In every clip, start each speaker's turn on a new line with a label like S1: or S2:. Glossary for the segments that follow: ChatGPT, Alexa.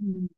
S1: Uhum.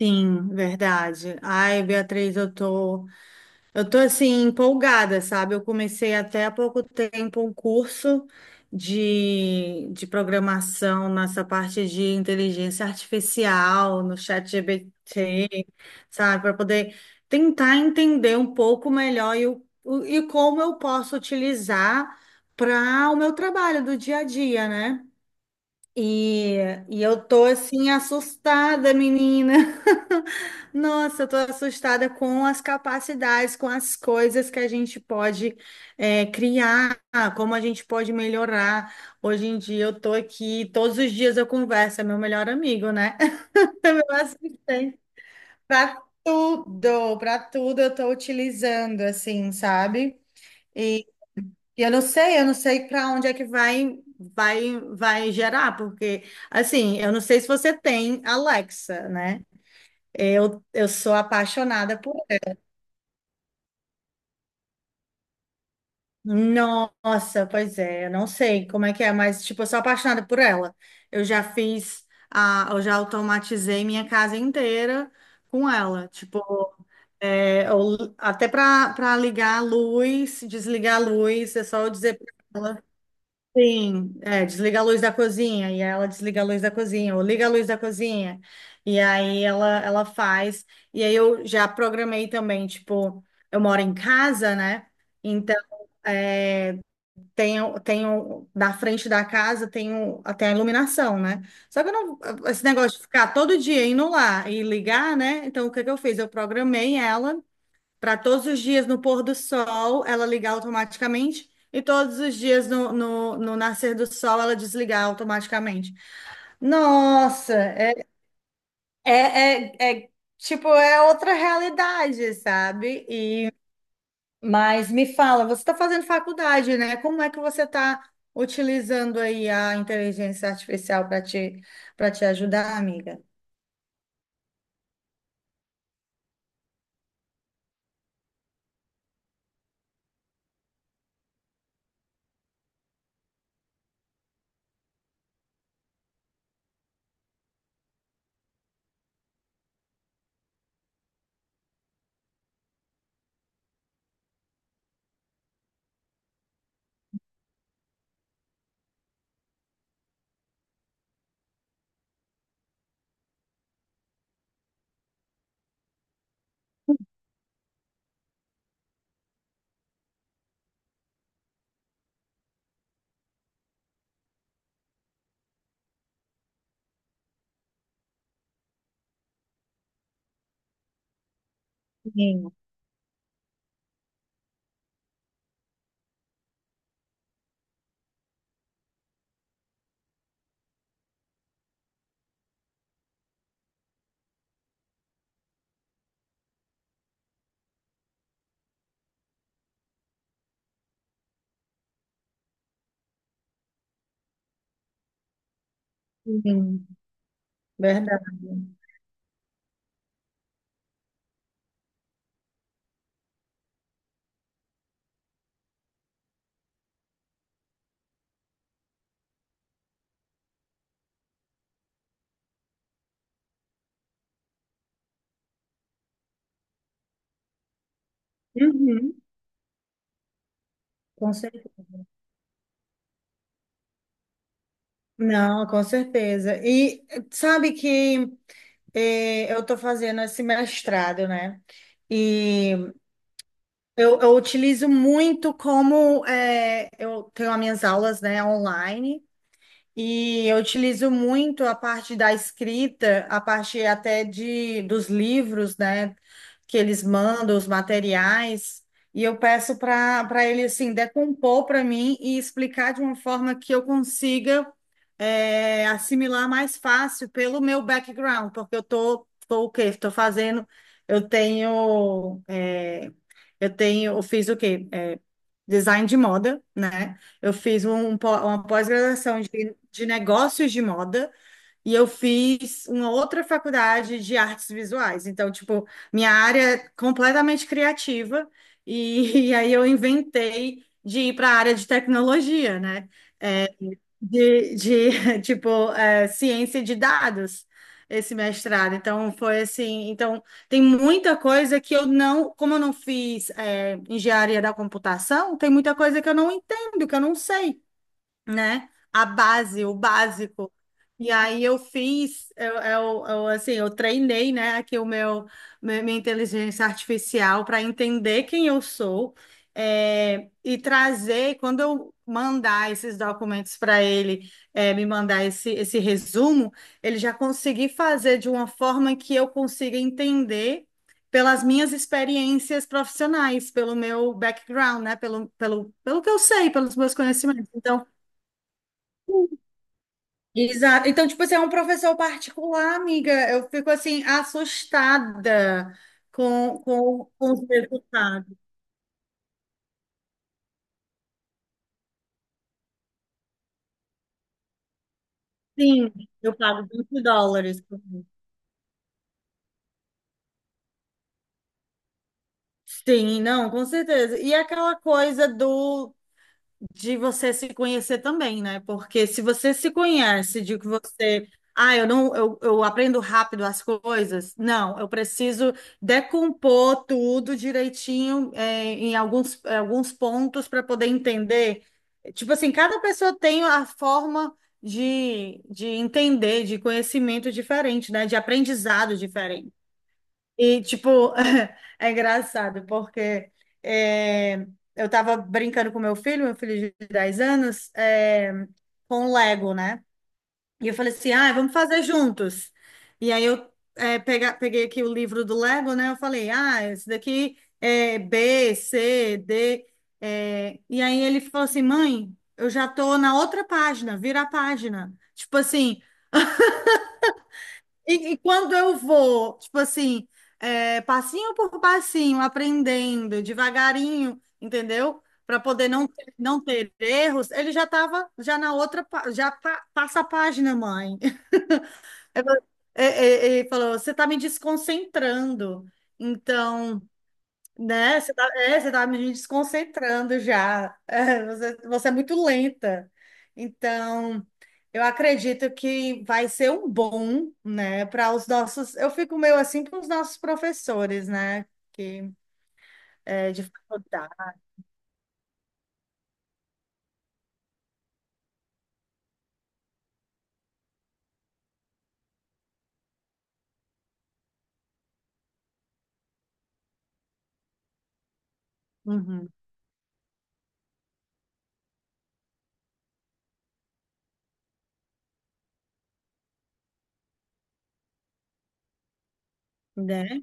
S1: Sim, verdade. Ai, Beatriz, eu tô assim empolgada, sabe? Eu comecei até há pouco tempo um curso de programação nessa parte de inteligência artificial no chat ChatGPT, sabe? Para poder tentar entender um pouco melhor e como eu posso utilizar para o meu trabalho do dia a dia, né? E, e eu tô assim assustada, menina. Nossa, eu tô assustada com as capacidades, com as coisas que a gente pode criar, como a gente pode melhorar. Hoje em dia eu tô aqui, todos os dias eu converso, é meu melhor amigo, né? Meu assistente. Para tudo eu tô utilizando, assim, sabe? E eu não sei para onde é que vai gerar, porque, assim, eu não sei se você tem Alexa, né? Eu sou apaixonada por. Nossa, pois é, eu não sei como é que é, mas, tipo, eu sou apaixonada por ela. Eu já automatizei minha casa inteira com ela. Tipo, até para ligar a luz, desligar a luz, é só eu dizer para ela. Sim, desliga a luz da cozinha, e ela desliga a luz da cozinha, ou liga a luz da cozinha, e aí ela faz, e aí eu já programei também, tipo, eu moro em casa, né? Então, é, tenho, na frente da casa tenho até a iluminação, né? Só que eu não, esse negócio de ficar todo dia indo lá e ligar, né? Então, o que que eu fiz? Eu programei ela para todos os dias no pôr do sol ela ligar automaticamente e todos os dias no nascer do sol ela desligar automaticamente. Nossa, é, é, é, tipo, é outra realidade, sabe? Mas me fala, você está fazendo faculdade, né? Como é que você está utilizando aí a inteligência artificial para te ajudar, amiga? Sim, sim, verdade. Uhum, com certeza. Não, com certeza. E sabe que eu estou fazendo esse mestrado, né? E eu utilizo muito como eu tenho as minhas aulas, né, online. E eu utilizo muito a parte da escrita, a parte até de dos livros, né, que eles mandam, os materiais, e eu peço para ele assim decompor para mim e explicar de uma forma que eu consiga assimilar mais fácil pelo meu background, porque eu tô o quê? Estou fazendo, eu tenho é, eu tenho, eu fiz o quê? Design de moda, né? Eu fiz um uma pós-graduação de negócios de moda e eu fiz uma outra faculdade de artes visuais. Então, tipo, minha área é completamente criativa e, e aí eu inventei de ir para a área de tecnologia, né? É, de tipo, ciência de dados, esse mestrado. Então, foi assim. Então, tem muita coisa que eu não, como eu não fiz, engenharia da computação, tem muita coisa que eu não entendo, que eu não sei, né? A base, o básico. E aí eu fiz, assim, eu treinei, né, aqui o meu, minha inteligência artificial para entender quem eu sou, e trazer, quando eu mandar esses documentos para ele, me mandar esse resumo, ele já conseguir fazer de uma forma que eu consiga entender pelas minhas experiências profissionais, pelo meu background, né, pelo que eu sei, pelos meus conhecimentos. Então. Exato. Então, tipo assim, é um professor particular, amiga. Eu fico assim, assustada com os resultados. Sim, eu pago US$ 20. Sim, não, com certeza. E aquela coisa do de você se conhecer também, né? Porque se você se conhece de que você, ah, eu não, eu aprendo rápido as coisas, não, eu preciso decompor tudo direitinho, em alguns pontos para poder entender. Tipo assim, cada pessoa tem a forma de entender, de conhecimento diferente, né? De aprendizado diferente. E, tipo, é engraçado, porque é, eu tava brincando com meu filho de 10 anos, com Lego, né? E eu falei assim, ah, vamos fazer juntos. E aí eu peguei aqui o livro do Lego, né? Eu falei, ah, esse daqui é B, C, D. E aí ele falou assim, mãe, eu já tô na outra página, vira a página. Tipo assim, e quando eu vou, tipo assim, passinho por passinho, aprendendo, devagarinho, entendeu? Para poder não, não ter erros, ele já estava já na outra, passa a página, mãe. Ele falou, "É, é, é", falou, você está me desconcentrando. Então. Né? Você tá me desconcentrando já. Você é muito lenta. Então, eu acredito que vai ser um bom, né, para os nossos. Eu fico meio assim com os nossos professores, né, que de faculdade. Uhum. Né?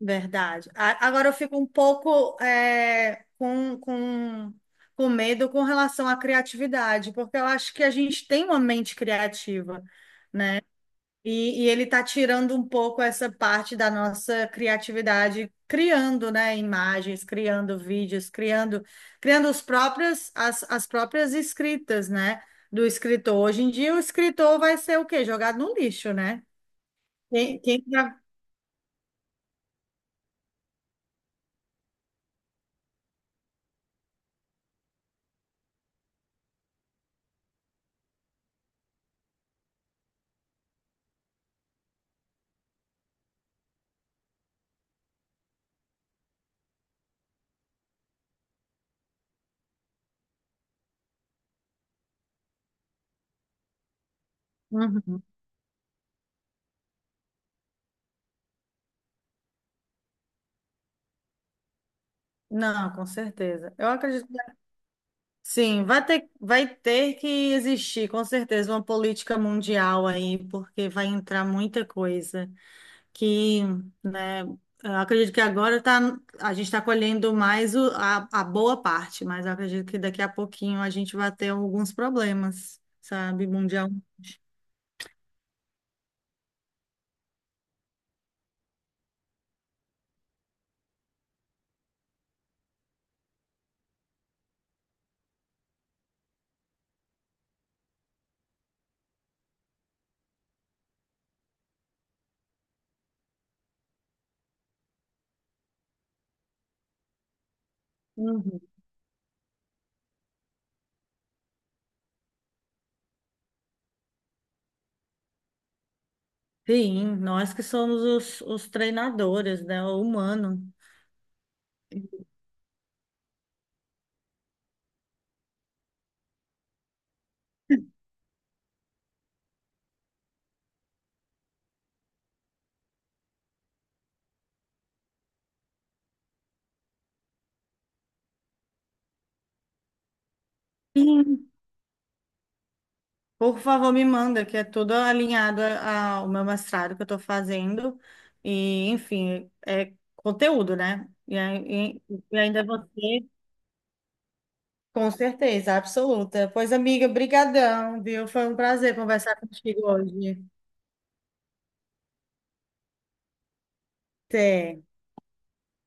S1: Verdade. Agora eu fico um pouco com medo com relação à criatividade, porque eu acho que a gente tem uma mente criativa. E ele está tirando um pouco essa parte da nossa criatividade, criando, né, imagens, criando vídeos, criando os próprios, as próprias escritas, né, do escritor. Hoje em dia, o escritor vai ser o quê? Jogado no lixo, né? Quem. Uhum. Não, com certeza. Eu acredito que sim, vai ter que existir, com certeza, uma política mundial aí, porque vai entrar muita coisa. que, né, eu acredito que agora tá, a gente está colhendo mais a boa parte, mas eu acredito que daqui a pouquinho a gente vai ter alguns problemas, sabe, mundial. Uhum. Sim, nós que somos os treinadores, né, o humano. Sim. Por favor, me manda, que é tudo alinhado ao meu mestrado que eu estou fazendo. E, enfim, é conteúdo, né? E ainda você. Com certeza, absoluta. Pois, amiga, brigadão, viu? Foi um prazer conversar contigo hoje. Até.